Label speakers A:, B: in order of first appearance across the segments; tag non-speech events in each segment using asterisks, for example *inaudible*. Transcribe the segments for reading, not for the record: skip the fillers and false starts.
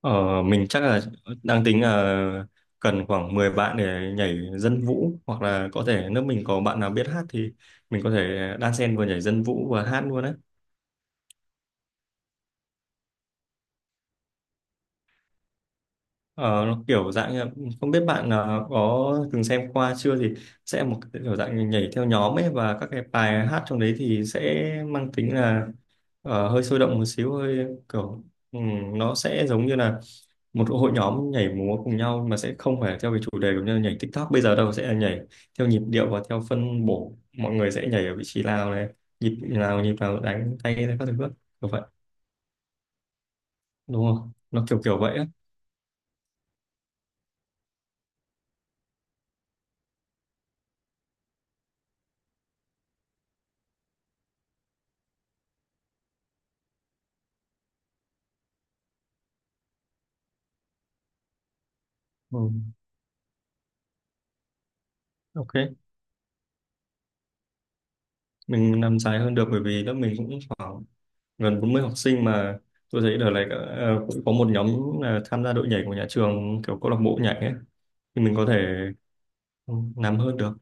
A: Ờ, mình chắc là đang tính là cần khoảng 10 bạn để nhảy dân vũ, hoặc là có thể nếu mình có bạn nào biết hát thì mình có thể đan xen vừa nhảy dân vũ vừa hát luôn đấy. Ờ, nó kiểu dạng như là- không biết bạn có từng xem qua chưa, thì sẽ một cái kiểu dạng nhảy theo nhóm ấy, và các cái bài hát trong đấy thì sẽ mang tính là hơi sôi động một xíu, hơi kiểu nó sẽ giống như là một hội nhóm nhảy múa cùng nhau mà sẽ không phải theo cái chủ đề giống như nhảy TikTok bây giờ đâu, sẽ là nhảy theo nhịp điệu và theo phân bổ, mọi người sẽ nhảy ở vị trí nào này, nhịp nào, nhịp nào đánh tay ra các thứ bước kiểu vậy, đúng không, nó kiểu kiểu vậy á. Ừ. Ok, mình làm dài hơn được bởi vì lớp mình cũng khoảng gần 40 học sinh mà. Tôi thấy đợt này cũng có một nhóm là tham gia đội nhảy của nhà trường, kiểu câu lạc bộ nhảy ấy, thì mình có thể, ừ, làm hơn được.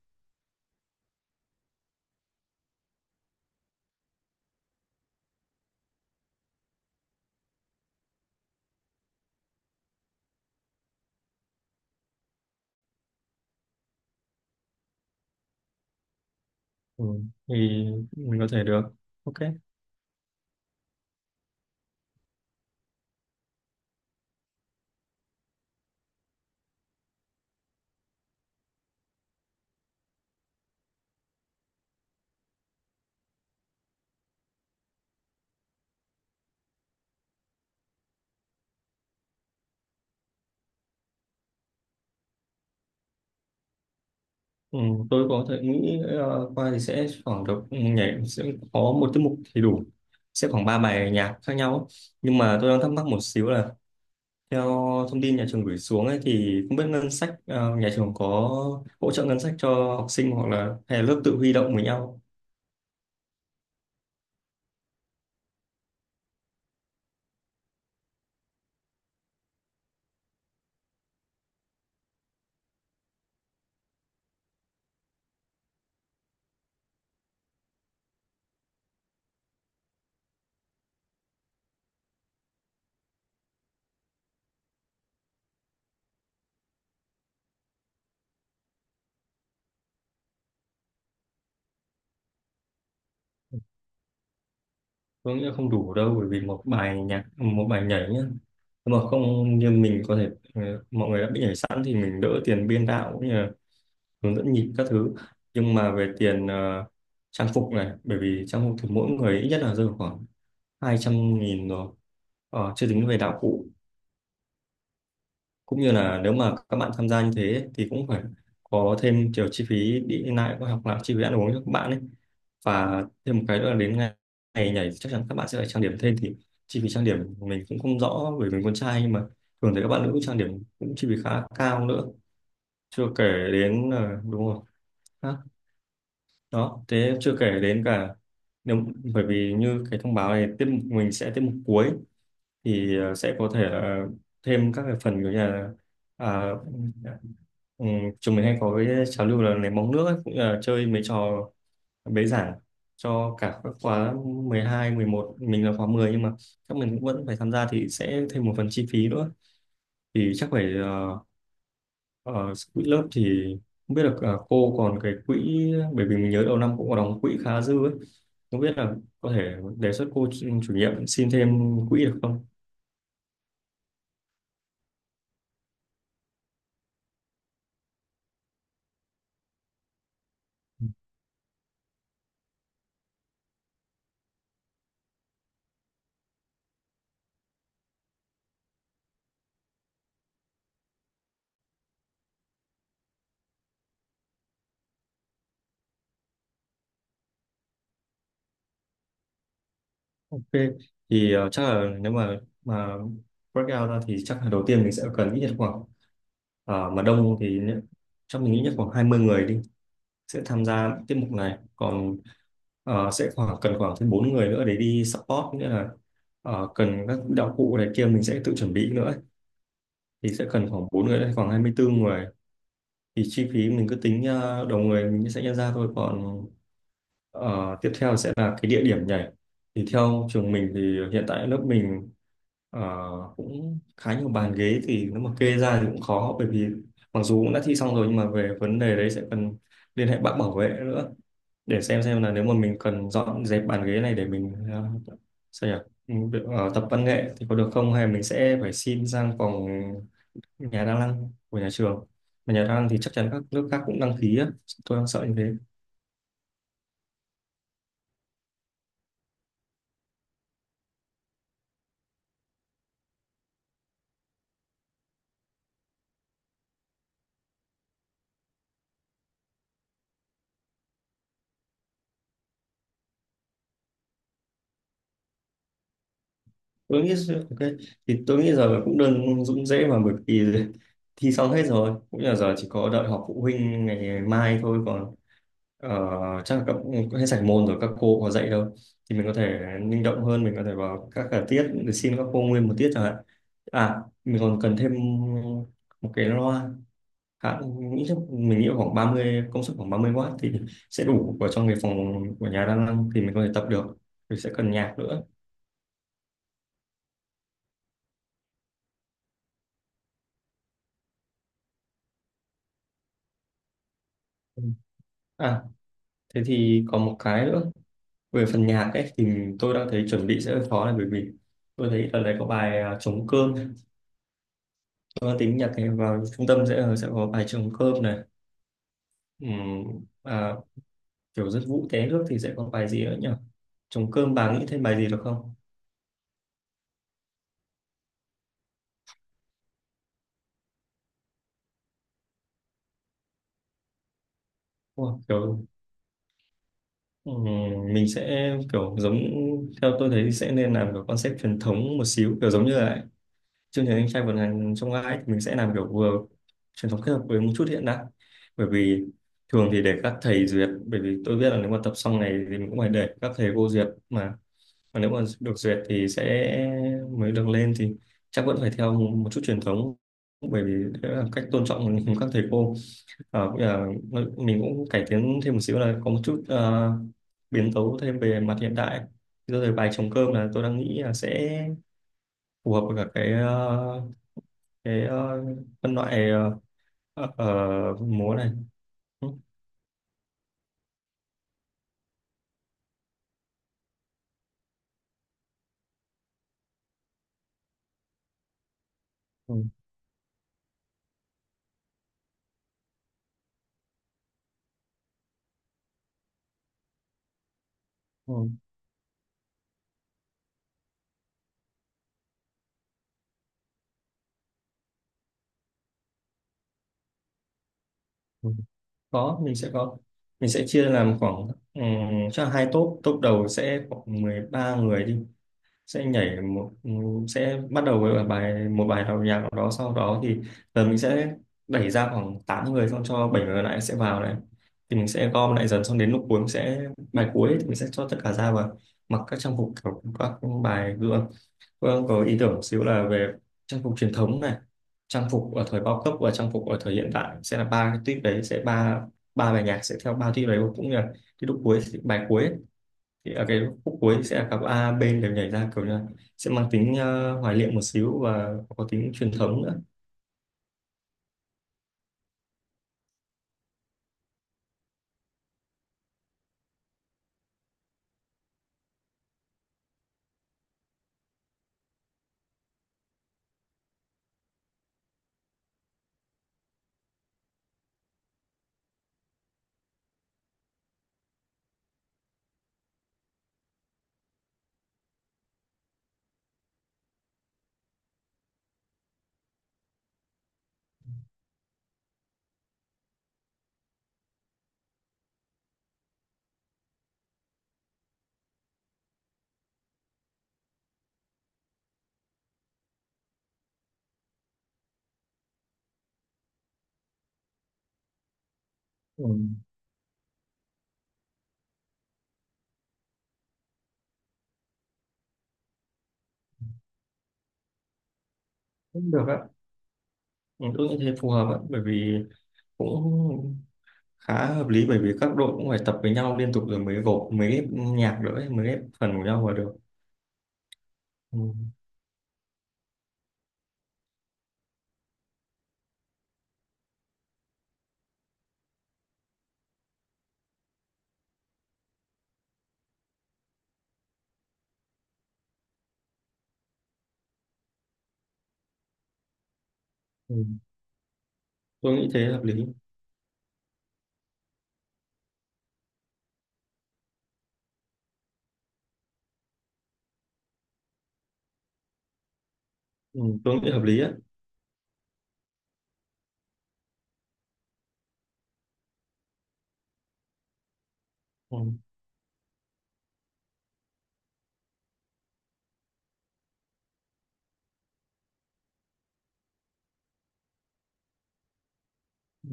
A: Ừ. Thì mình có thể được. Ok. Ừ, tôi có thể nghĩ qua thì sẽ khoảng được, nhảy sẽ có một tiết mục thì đủ, sẽ khoảng ba bài nhạc khác nhau ấy. Nhưng mà tôi đang thắc mắc một xíu là theo thông tin nhà trường gửi xuống ấy, thì không biết ngân sách nhà trường có hỗ trợ ngân sách cho học sinh, hoặc là hay là lớp tự huy động với nhau. Tôi nghĩ là không đủ đâu, bởi vì một bài nhạc một bài nhảy nhá, nhưng mà không, như mình có thể mọi người đã bị nhảy sẵn thì mình đỡ tiền biên đạo hướng dẫn nhịp các thứ. Nhưng mà về tiền trang phục này, bởi vì trang phục thì mỗi người ít nhất là rơi vào khoảng 200.000 rồi, chưa tính về đạo cụ, cũng như là nếu mà các bạn tham gia như thế thì cũng phải có thêm kiểu chi phí đi lại, có học lại chi phí ăn uống cho các bạn ấy. Và thêm một cái nữa là đến ngày nhảy chắc chắn các bạn sẽ phải trang điểm thêm, thì chi phí trang điểm mình cũng không rõ bởi vì mình con trai, nhưng mà thường thấy các bạn nữ trang điểm cũng chi phí khá cao nữa. Chưa kể đến đúng rồi, đó, thế chưa kể đến cả nếu, bởi vì như cái thông báo này, tiếp mục mình sẽ tiếp mục cuối thì sẽ có thể là thêm các cái phần kiểu như là à, ừ, chúng mình hay có cái trào lưu là ném bóng nước ấy, cũng là chơi mấy trò bế giảng cho cả các khóa 12, 11, mình là khóa 10, nhưng mà các mình cũng vẫn phải tham gia thì sẽ thêm một phần chi phí nữa. Thì chắc phải Ờ, quỹ lớp thì không biết là cô còn cái quỹ, bởi vì mình nhớ đầu năm cũng có đóng quỹ khá dư ấy. Không biết là có thể đề xuất cô chủ chủ nhiệm xin thêm quỹ được không? Ok, thì chắc là nếu mà breakout ra, thì chắc là đầu tiên mình sẽ cần ít nhất khoảng ờ, mà đông thì nhé- chắc mình nghĩ nhất khoảng 20 người đi sẽ tham gia tiết mục này, còn sẽ khoảng cần khoảng thêm bốn người nữa để đi support, nghĩa là cần các đạo cụ này kia mình sẽ tự chuẩn bị nữa. Thì sẽ cần khoảng 4 người hay khoảng 24 người, thì chi phí mình cứ tính đầu người mình sẽ nhân ra thôi. Còn tiếp theo sẽ là cái địa điểm nhảy, thì theo trường mình thì hiện tại lớp mình ờ, cũng khá nhiều bàn ghế, thì nếu mà kê ra thì cũng khó, bởi vì mặc dù cũng đã thi xong rồi, nhưng mà về vấn đề đấy sẽ cần liên hệ bạn bảo vệ nữa, để xem là nếu mà mình cần dọn dẹp bàn ghế này để mình sao nhỉ. Ừ, được, tập văn nghệ thì có được không, hay mình sẽ phải xin sang phòng nhà đang đăng của nhà trường, mà nhà đang đăng thì chắc chắn các nước khác cũng đăng ký á, tôi đang sợ như thế. Tôi nghĩ ok, thì tôi nghĩ giờ cũng đơn, cũng dễ mà, bởi vì *laughs* thi xong hết rồi, cũng như là giờ chỉ có đợi họp phụ huynh ngày mai thôi, còn ờ, chắc là các cũng hết sạch môn rồi, các cô có dạy đâu, thì mình có thể linh động hơn, mình có thể vào các cả tiết để xin các cô nguyên một tiết chẳng hạn. À mình còn cần thêm một cái loa, khá, mình nghĩ, chắc mình nghĩ khoảng 30 công suất, khoảng 30W thì sẽ đủ vào trong cái phòng của nhà đang năng thì mình có thể tập được. Mình sẽ cần nhạc nữa. Ừ. À, thế thì còn một cái nữa, về phần nhạc ấy thì tôi đang thấy chuẩn bị sẽ hơi khó, là bởi vì tôi thấy ở đấy có bài à, trống cơm. Tôi đang tính nhạc này vào trung tâm sẽ sẽ có bài trống cơm này. Ừm. À, kiểu rất vũ té nước thì sẽ có bài gì nữa nhỉ, trống cơm, bà nghĩ thêm bài gì được không? Wow, kiểu, ừ, mình sẽ kiểu giống, theo tôi thấy thì sẽ nên làm kiểu concept truyền thống một xíu, kiểu giống như là chương trình anh trai vượt ngàn chông gai ấy, thì mình sẽ làm kiểu vừa truyền thống kết hợp với một chút hiện đại. Bởi vì thường thì để các thầy duyệt, bởi vì tôi biết là nếu mà tập xong này thì mình cũng phải để các thầy cô duyệt mà nếu mà được duyệt thì sẽ mới được lên, thì chắc vẫn phải theo một chút truyền thống, bởi vì đấy là cách tôn trọng các thầy cô. Bây giờ mình cũng cải tiến thêm một xíu là có một chút biến tấu thêm về mặt hiện đại. Rồi thì bài trống cơm là tôi đang nghĩ là sẽ phù hợp với cả cái phân loại múa này. Ừ, ừ, ừ, ừ. Có. Mình sẽ chia làm khoảng cho hai top. Top đầu sẽ khoảng 13 người đi, sẽ nhảy một sẽ bắt đầu với bài một, bài đầu nhạc nào đó, sau đó thì giờ mình sẽ đẩy ra khoảng 8 người, xong cho 7 người còn lại sẽ vào này, thì mình sẽ gom lại dần, xong đến lúc cuối mình sẽ, bài cuối thì mình sẽ cho tất cả ra và mặc các trang phục kiểu các bài gương. Vâng, có ý tưởng một xíu là về trang phục truyền thống này, trang phục ở thời bao cấp và trang phục ở thời hiện đại sẽ là ba cái tuýp đấy, sẽ ba ba bài nhạc sẽ theo ba tuýp đấy, cũng như là cái lúc cuối bài cuối, thì ở cái khúc cuối sẽ là cặp A, B đều nhảy ra, kiểu như là sẽ mang tính hoài niệm một xíu và có tính truyền thống nữa. Ừ. Cũng được á. Ừ, tôi nghĩ thế phù hợp á, bởi vì cũng khá hợp lý, bởi vì các đội cũng phải tập với nhau liên tục rồi mới gộp, mới ghép nhạc nữa ấy, mới ghép phần của nhau vào được. Ừ. Ừ. Tôi nghĩ thế hợp lý. Ừ. Tôi nghĩ hợp lý á. Ừ.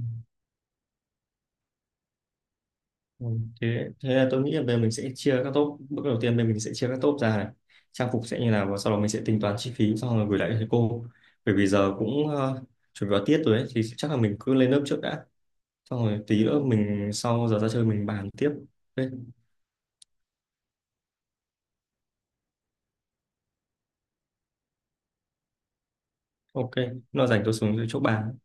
A: Ừ, Thế là tôi nghĩ là về mình sẽ chia các top bước đầu tiên, về mình sẽ chia các top ra này, trang phục sẽ như nào, và sau đó mình sẽ tính toán chi phí xong rồi gửi lại cho thầy cô. Bởi vì giờ cũng chuẩn bị vào tiết rồi ấy, thì chắc là mình cứ lên lớp trước đã, xong rồi tí nữa mình sau giờ ra chơi mình bàn tiếp. Ok. Ok. Nó rảnh tôi xuống chỗ bàn.